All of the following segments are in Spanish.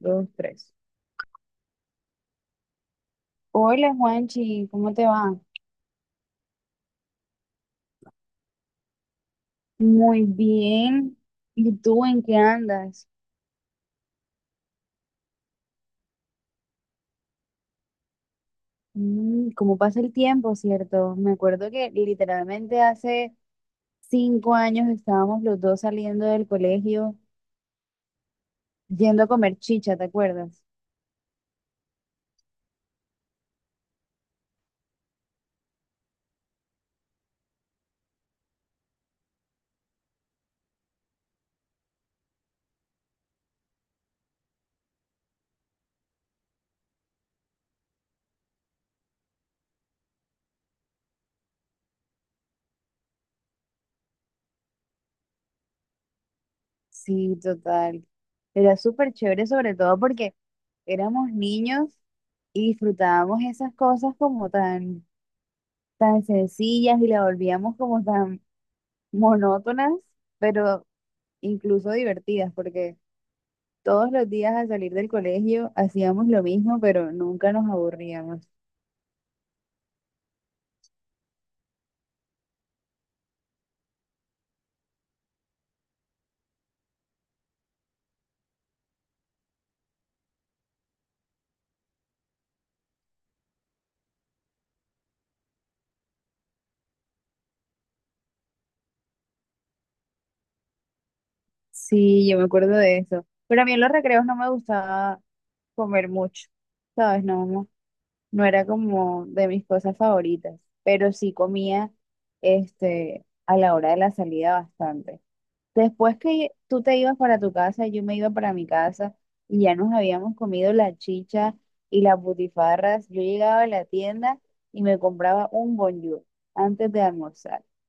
Dos, tres. Hola Juanchi, ¿cómo te va? Muy bien. ¿Y tú en qué andas? ¿Cómo pasa el tiempo, cierto? Me acuerdo que literalmente hace 5 años estábamos los dos saliendo del colegio yendo a comer chicha, ¿te acuerdas? Sí, total. Era súper chévere, sobre todo porque éramos niños y disfrutábamos esas cosas como tan, tan sencillas y las volvíamos como tan monótonas, pero incluso divertidas, porque todos los días al salir del colegio hacíamos lo mismo, pero nunca nos aburríamos. Sí, yo me acuerdo de eso. Pero a mí en los recreos no me gustaba comer mucho, ¿sabes? No, no, no era como de mis cosas favoritas, pero sí comía a la hora de la salida bastante. Después que tú te ibas para tu casa, yo me iba para mi casa y ya nos habíamos comido las chichas y las butifarras, yo llegaba a la tienda y me compraba un bonjour antes de almorzar.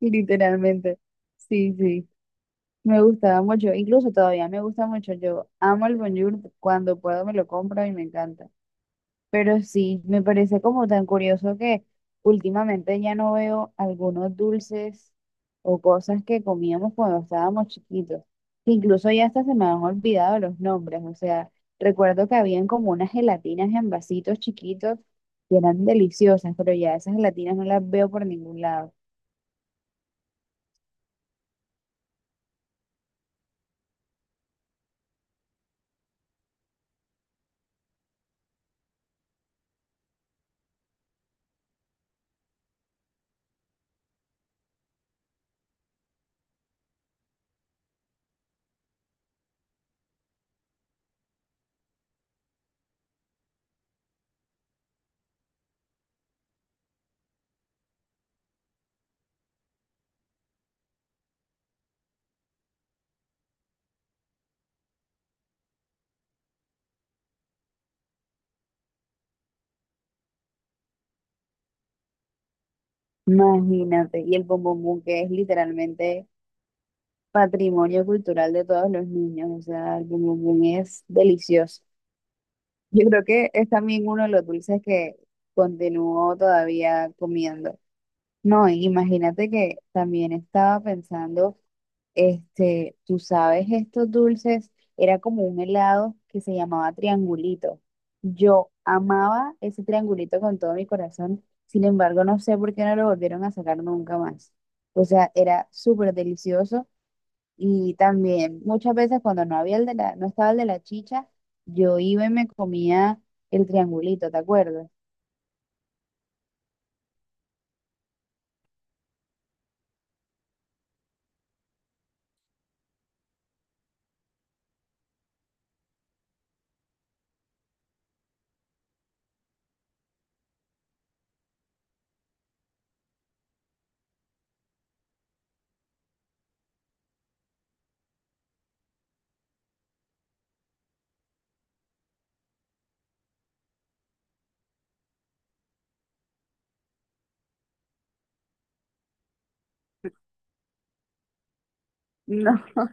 Y literalmente, sí, sí, me gustaba mucho, incluso todavía me gusta mucho. Yo amo el bonjour, cuando puedo me lo compro y me encanta. Pero sí, me parece como tan curioso que últimamente ya no veo algunos dulces o cosas que comíamos cuando estábamos chiquitos. Que Incluso ya hasta se me han olvidado los nombres. O sea, recuerdo que habían como unas gelatinas en vasitos chiquitos que eran deliciosas, pero ya esas gelatinas no las veo por ningún lado. Imagínate, y el bombombón que es literalmente patrimonio cultural de todos los niños. O sea, el bombombón es delicioso. Yo creo que es también uno de los dulces que continuó todavía comiendo. No, y imagínate que también estaba pensando, tú sabes, estos dulces, era como un helado que se llamaba triangulito. Yo amaba ese triangulito con todo mi corazón, sin embargo, no sé por qué no lo volvieron a sacar nunca más. O sea, era súper delicioso y también muchas veces cuando no había el de la, no estaba el de la chicha, yo iba y me comía el triangulito, ¿te acuerdas?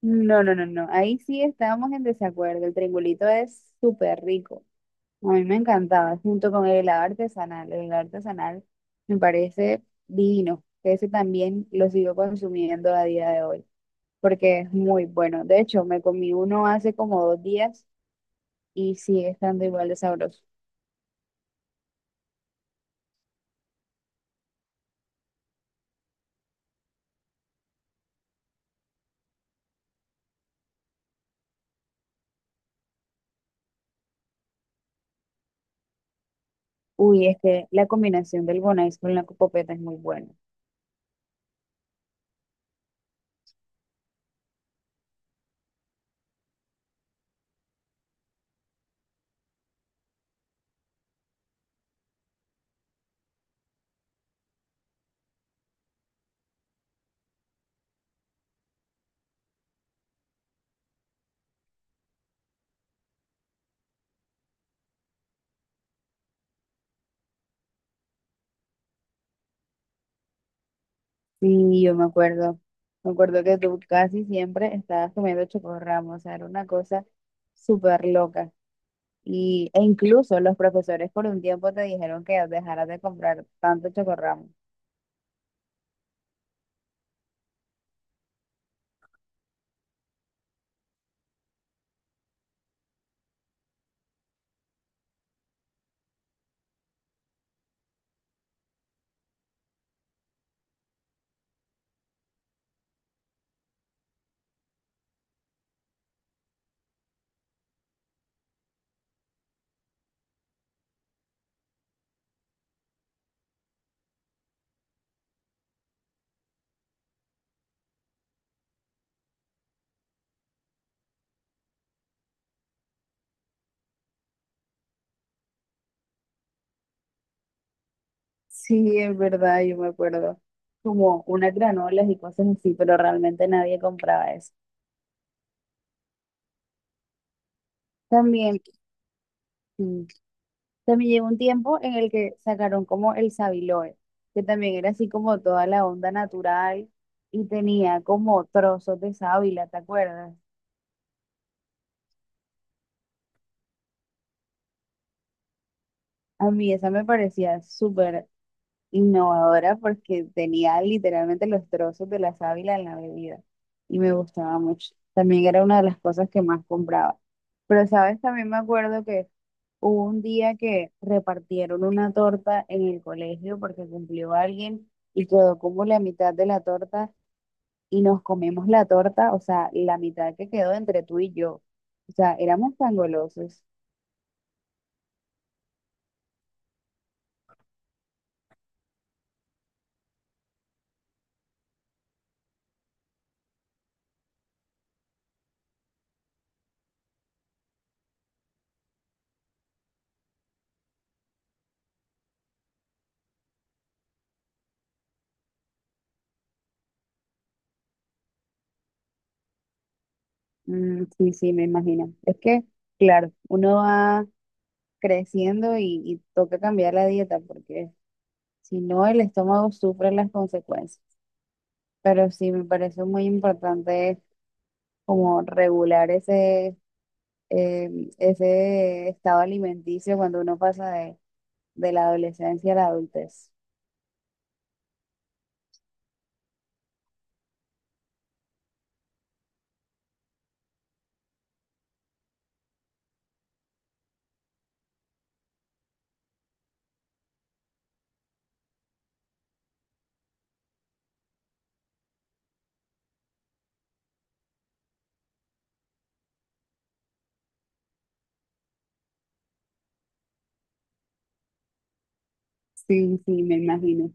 No, no, no, no, no. Ahí sí estábamos en desacuerdo. El triangulito es súper rico. A mí me encantaba, junto con el helado artesanal. El helado artesanal me parece divino. Que Ese también lo sigo consumiendo a día de hoy, porque es muy bueno. De hecho, me comí uno hace como 2 días y sigue estando igual de sabroso. Uy, es que la combinación del Bonais con la copopeta es muy buena. Sí, yo me acuerdo. Me acuerdo que tú casi siempre estabas comiendo chocorramo, o sea, era una cosa súper loca. Y, e incluso los profesores por un tiempo te dijeron que dejaras de comprar tanto chocorramo. Sí, es verdad, yo me acuerdo. Como unas granolas y cosas así, pero realmente nadie compraba eso. También, mm, También llegó un tiempo en el que sacaron como el Sabiloe, que también era así como toda la onda natural y tenía como trozos de sábila, ¿te acuerdas? A mí esa me parecía súper innovadora porque tenía literalmente los trozos de la sábila en la bebida y me gustaba mucho. También era una de las cosas que más compraba. Pero, ¿sabes? También me acuerdo que hubo un día que repartieron una torta en el colegio porque cumplió alguien y quedó como la mitad de la torta y nos comemos la torta, o sea, la mitad que quedó entre tú y yo. O sea, éramos tan golosos. Mm, sí, sí, me imagino. Es que, claro, uno va creciendo y toca cambiar la dieta porque si no, el estómago sufre las consecuencias. Pero sí, me parece muy importante como regular ese estado alimenticio cuando uno pasa de la adolescencia a la adultez. Sí, sí, me imagino.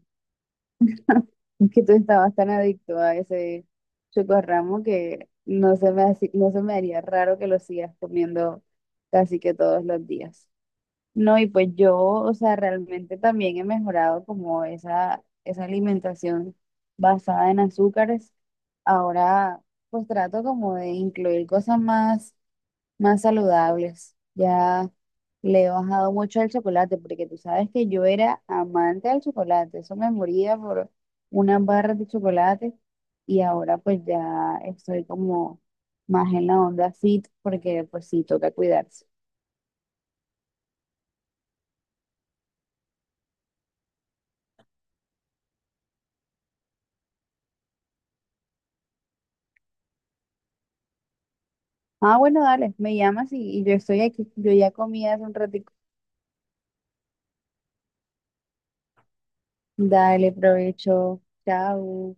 Es que tú estabas tan adicto a ese chocorramo que no se me haría raro que lo sigas comiendo casi que todos los días. No, y pues yo, o sea, realmente también he mejorado como esa alimentación basada en azúcares. Ahora, pues trato como de incluir cosas más saludables. Ya le he bajado mucho al chocolate, porque tú sabes que yo era amante del chocolate. Eso me moría por unas barras de chocolate. Y ahora pues ya estoy como más en la onda fit, porque pues sí, toca cuidarse. Ah, bueno, dale, me llamas y yo estoy aquí. Yo ya comí hace un ratito. Dale, provecho. Chao.